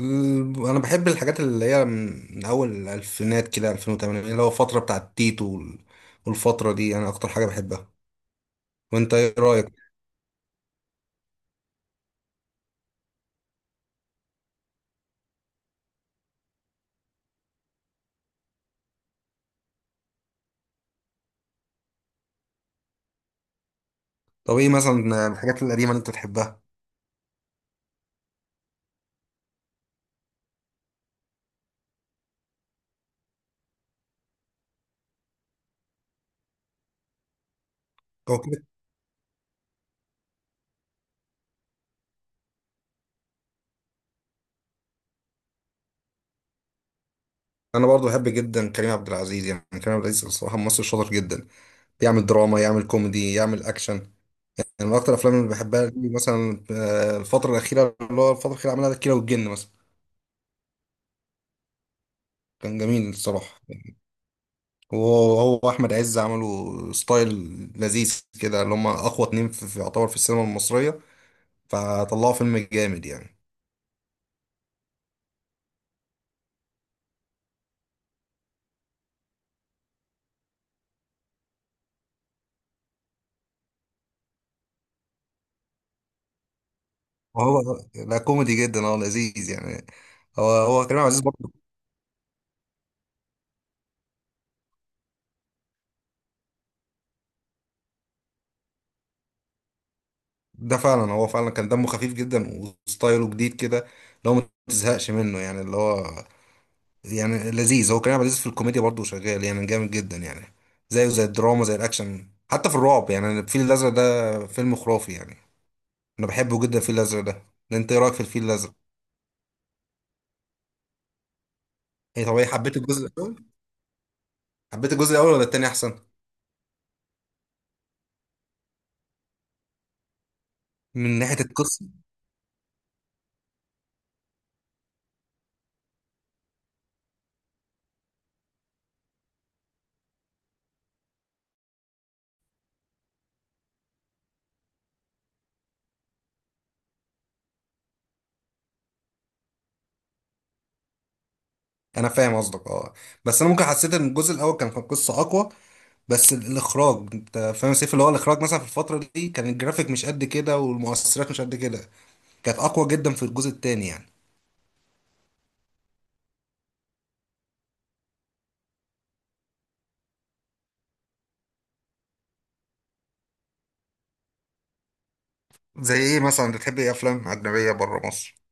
انا بحب الحاجات اللي هي من اول الالفينات كده 2008، اللي هو الفتره بتاعت تيتو والفتره دي انا اكتر حاجه بحبها. وانت ايه رايك؟ طب ايه مثلا الحاجات القديمه اللي انت تحبها؟ هو كده. انا برضو بحب جدا كريم عبد العزيز، يعني كريم عبد العزيز الصراحه ممثل شاطر جدا. يعمل دراما، يعمل كوميدي، يعمل اكشن. يعني من اكتر الافلام اللي بحبها ليه مثلا الفتره الاخيره اللي هو الفتره الاخيره عملها الكيرة والجن مثلا. كان جميل الصراحه. وهو احمد عز عملوا ستايل لذيذ كده، اللي هم اقوى اتنين في يعتبر في السينما المصريه، فطلعوا فيلم جامد يعني. وهو لا، كوميدي جدا، هو لذيذ يعني. هو كريم عبد العزيز برضه ده فعلا، هو فعلا كان دمه خفيف جدا وستايله جديد كده، اللي هو ما تزهقش منه يعني. اللي هو يعني لذيذ. هو كريم عبد العزيز في الكوميديا برضه شغال يعني جامد جدا يعني. زيه زي الدراما، زي الاكشن، حتى في الرعب يعني الفيل الازرق ده فيلم خرافي يعني. انا بحبه جدا الفيل الازرق ده. انت ايه رايك في الفيل الازرق؟ ايه، طب ايه، حبيت الجزء الاول، حبيت الجزء الاول ولا التاني احسن؟ من ناحيه القصه. انا فاهم قصدك، اه. بس انا ممكن حسيت ان الجزء الاول كان قصه اقوى. بس الاخراج، انت فاهم سيف، اللي هو الاخراج مثلا في الفتره دي كان الجرافيك مش قد كده والمؤثرات مش قد كده، كانت اقوى جدا في الجزء التاني يعني. زي ايه مثلا؟ بتحب ايه افلام اجنبيه بره مصر؟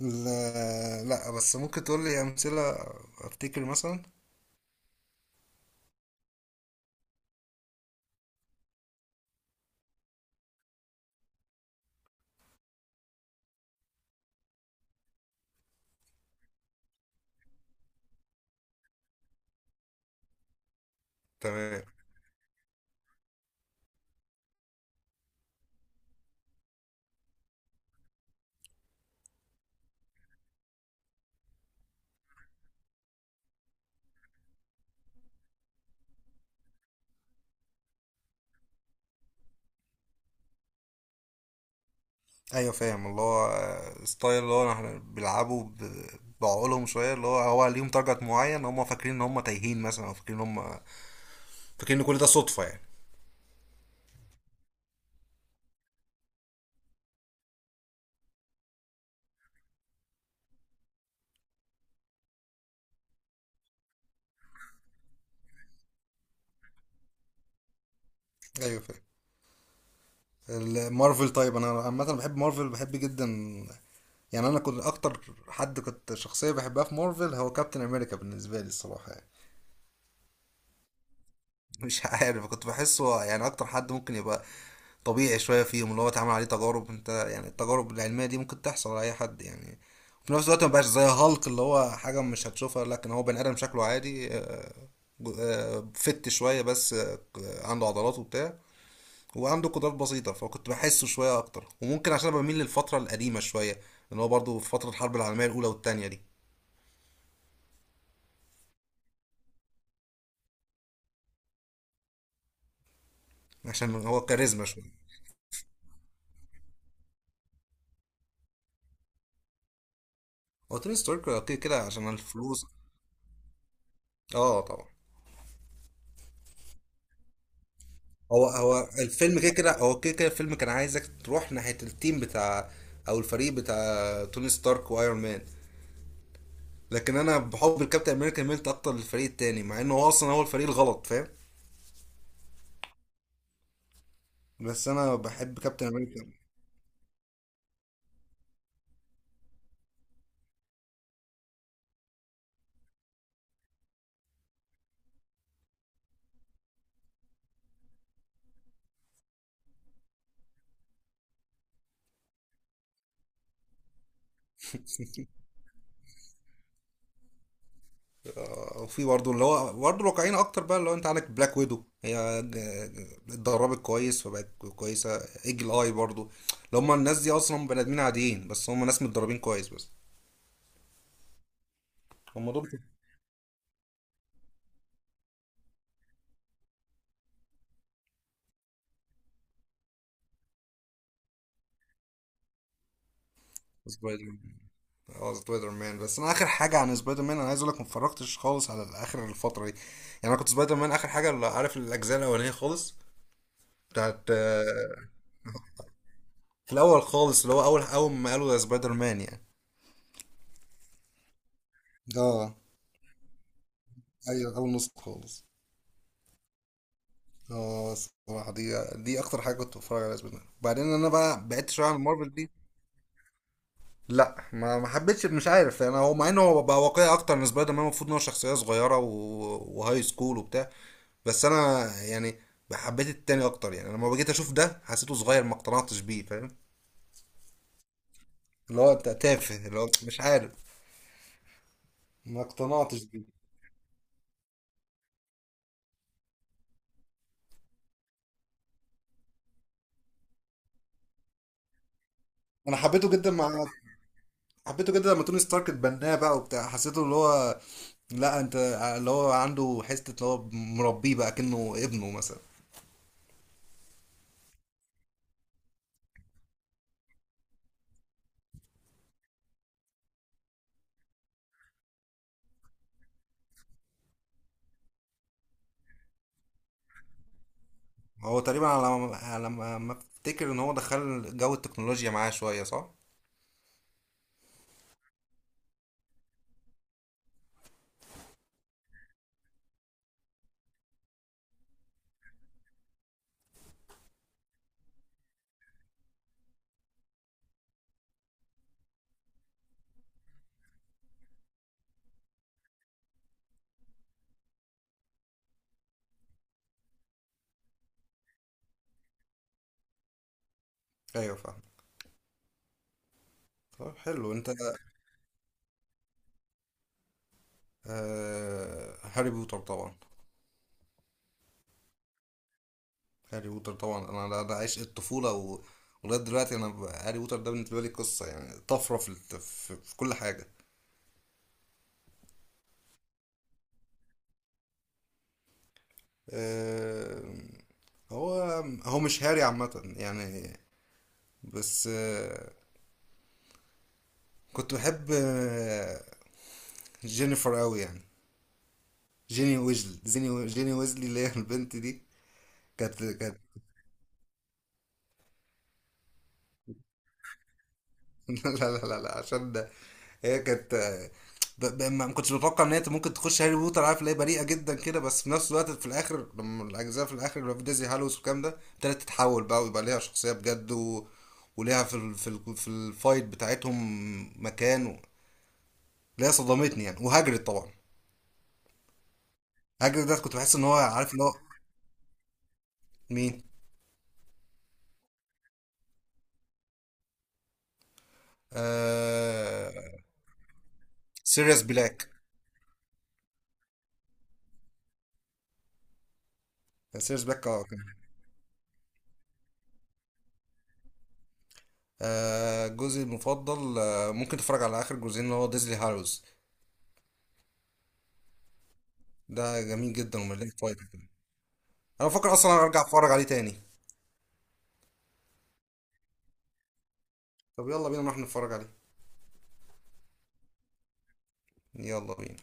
لا لا، بس ممكن تقول لي امثله. افتكر مثلا. تمام. ايوه فاهم، اللي هو ستايل، اللي هو احنا بيلعبوا بعقولهم شويه. اللي هو، هو ليهم تارجت معين، هم فاكرين ان هم تايهين مثلا، او فاكرين ان هم فاكرين ان كل ده صدفه يعني. ايوه فاهم. المارفل طيب، انا عامه بحب مارفل، بحب جدا يعني. انا كنت اكتر حد، كنت شخصيه بحبها في مارفل هو كابتن امريكا بالنسبه لي الصراحه يعني. مش عارف، كنت بحسه يعني اكتر حد ممكن يبقى طبيعي شويه فيهم، اللي هو اتعمل عليه تجارب. انت يعني التجارب العلميه دي ممكن تحصل على اي حد يعني. وفي نفس الوقت ما بقاش زي هالك اللي هو حاجه مش هتشوفها، لكن هو بني ادم شكله عادي، فت شويه بس، عنده عضلات وبتاع، وعنده قدرات بسيطه. فكنت بحسه شويه اكتر، وممكن عشان أنا بميل للفتره القديمه شويه، اللي هو برضه في فتره الحرب العالميه الاولى والتانيه دي. عشان هو كاريزما شويه. هو توني ستارك كده كده عشان الفلوس. اه طبعا. هو الفيلم كده كده، هو كده كده الفيلم كان عايزك تروح ناحية التيم بتاع، او الفريق بتاع توني ستارك وايرون مان. لكن انا بحب الكابتن امريكا، ميلت اكتر للفريق التاني، مع انه هو اصلا هو الفريق الغلط فاهم. بس انا بحب كابتن امريكا. وفي برضه اللي هو برضه الواقعيين اكتر بقى، اللي هو انت عندك بلاك ويدو، اتدربت كويس فبقت كويسة. ايجل اي برضه، اللي هم الناس دي اصلا بني ادمين عاديين، بس هم ناس متدربين كويس بس. هم دول. سبايدر، اه سبايدر مان. بس انا اخر حاجه عن سبايدر مان، انا عايز اقول لك ما اتفرجتش خالص على اخر الفتره دي. يعني انا كنت سبايدر مان اخر حاجه اللي عارف، الاجزاء الاولانيه خالص بتاعت في الاول خالص، اللي هو اول ما قالوا ده سبايدر مان يعني. اه. ايوه، اول نص خالص. اه الصراحه دي اكتر حاجه كنت بتفرج عليها سبايدر مان. وبعدين انا بقى بعدت شويه عن مارفل دي. لا، ما حبيتش، مش عارف. انا هو مع انه هو بقى واقعي اكتر من سبايدر مان، المفروض ان هو شخصيه صغيره وهاي سكول وبتاع. بس انا يعني حبيت التاني اكتر يعني. لما جيت اشوف ده حسيته صغير، ما اقتنعتش بيه فاهم. اللي هو انت تافه، اللي هو مش عارف. ما اقتنعتش بيه. انا حبيته جدا مع حبيته جدا لما توني ستارك اتبناه بقى وبتاع، حسيته اللي هو، لا انت، اللي هو عنده حته اللي هو مربيه بقى كأنه ابنه مثلا. هو تقريبا على ما، على ما افتكر ان هو دخل جو التكنولوجيا معاه شويه صح. ايوه فاهم. طب حلو. انت آه هاري بوتر طبعا. هاري بوتر طبعا، انا ده عشق الطفوله ولغايه دلوقتي انا هاري بوتر ده بالنسبه لي قصه يعني طفره في، في كل حاجه. آه، هو مش هاري عامه يعني. بس آه، كنت بحب آه جينيفر قوي يعني، جيني ويزلي، جيني ويزلي اللي هي البنت دي. كانت لا لا لا لا، عشان ده هي كانت، ما كنتش متوقع ان هي ممكن تخش هاري بوتر، عارف، اللي هي بريئه جدا كده. بس في نفس الوقت في الاخر، لما الاجزاء في الاخر اللي هو في ديزي هالوس والكلام ده، ابتدت تتحول بقى ويبقى ليها شخصيه بجد، وليها في الفايت بتاعتهم مكان اللي هي صدمتني يعني. وهاجرد طبعا، هاجرد ده كنت بحس ان هو عارف اللي هو. مين؟ آه... سيريس بلاك. سيريس بلاك اه جزء المفضل، ممكن تتفرج على اخر جزئين اللي هو ديزلي هالوز. ده جميل جدا ومليان فايدة كمان. انا بفكر اصلا ارجع اتفرج عليه تاني. طب يلا بينا نروح نتفرج عليه. يلا بينا.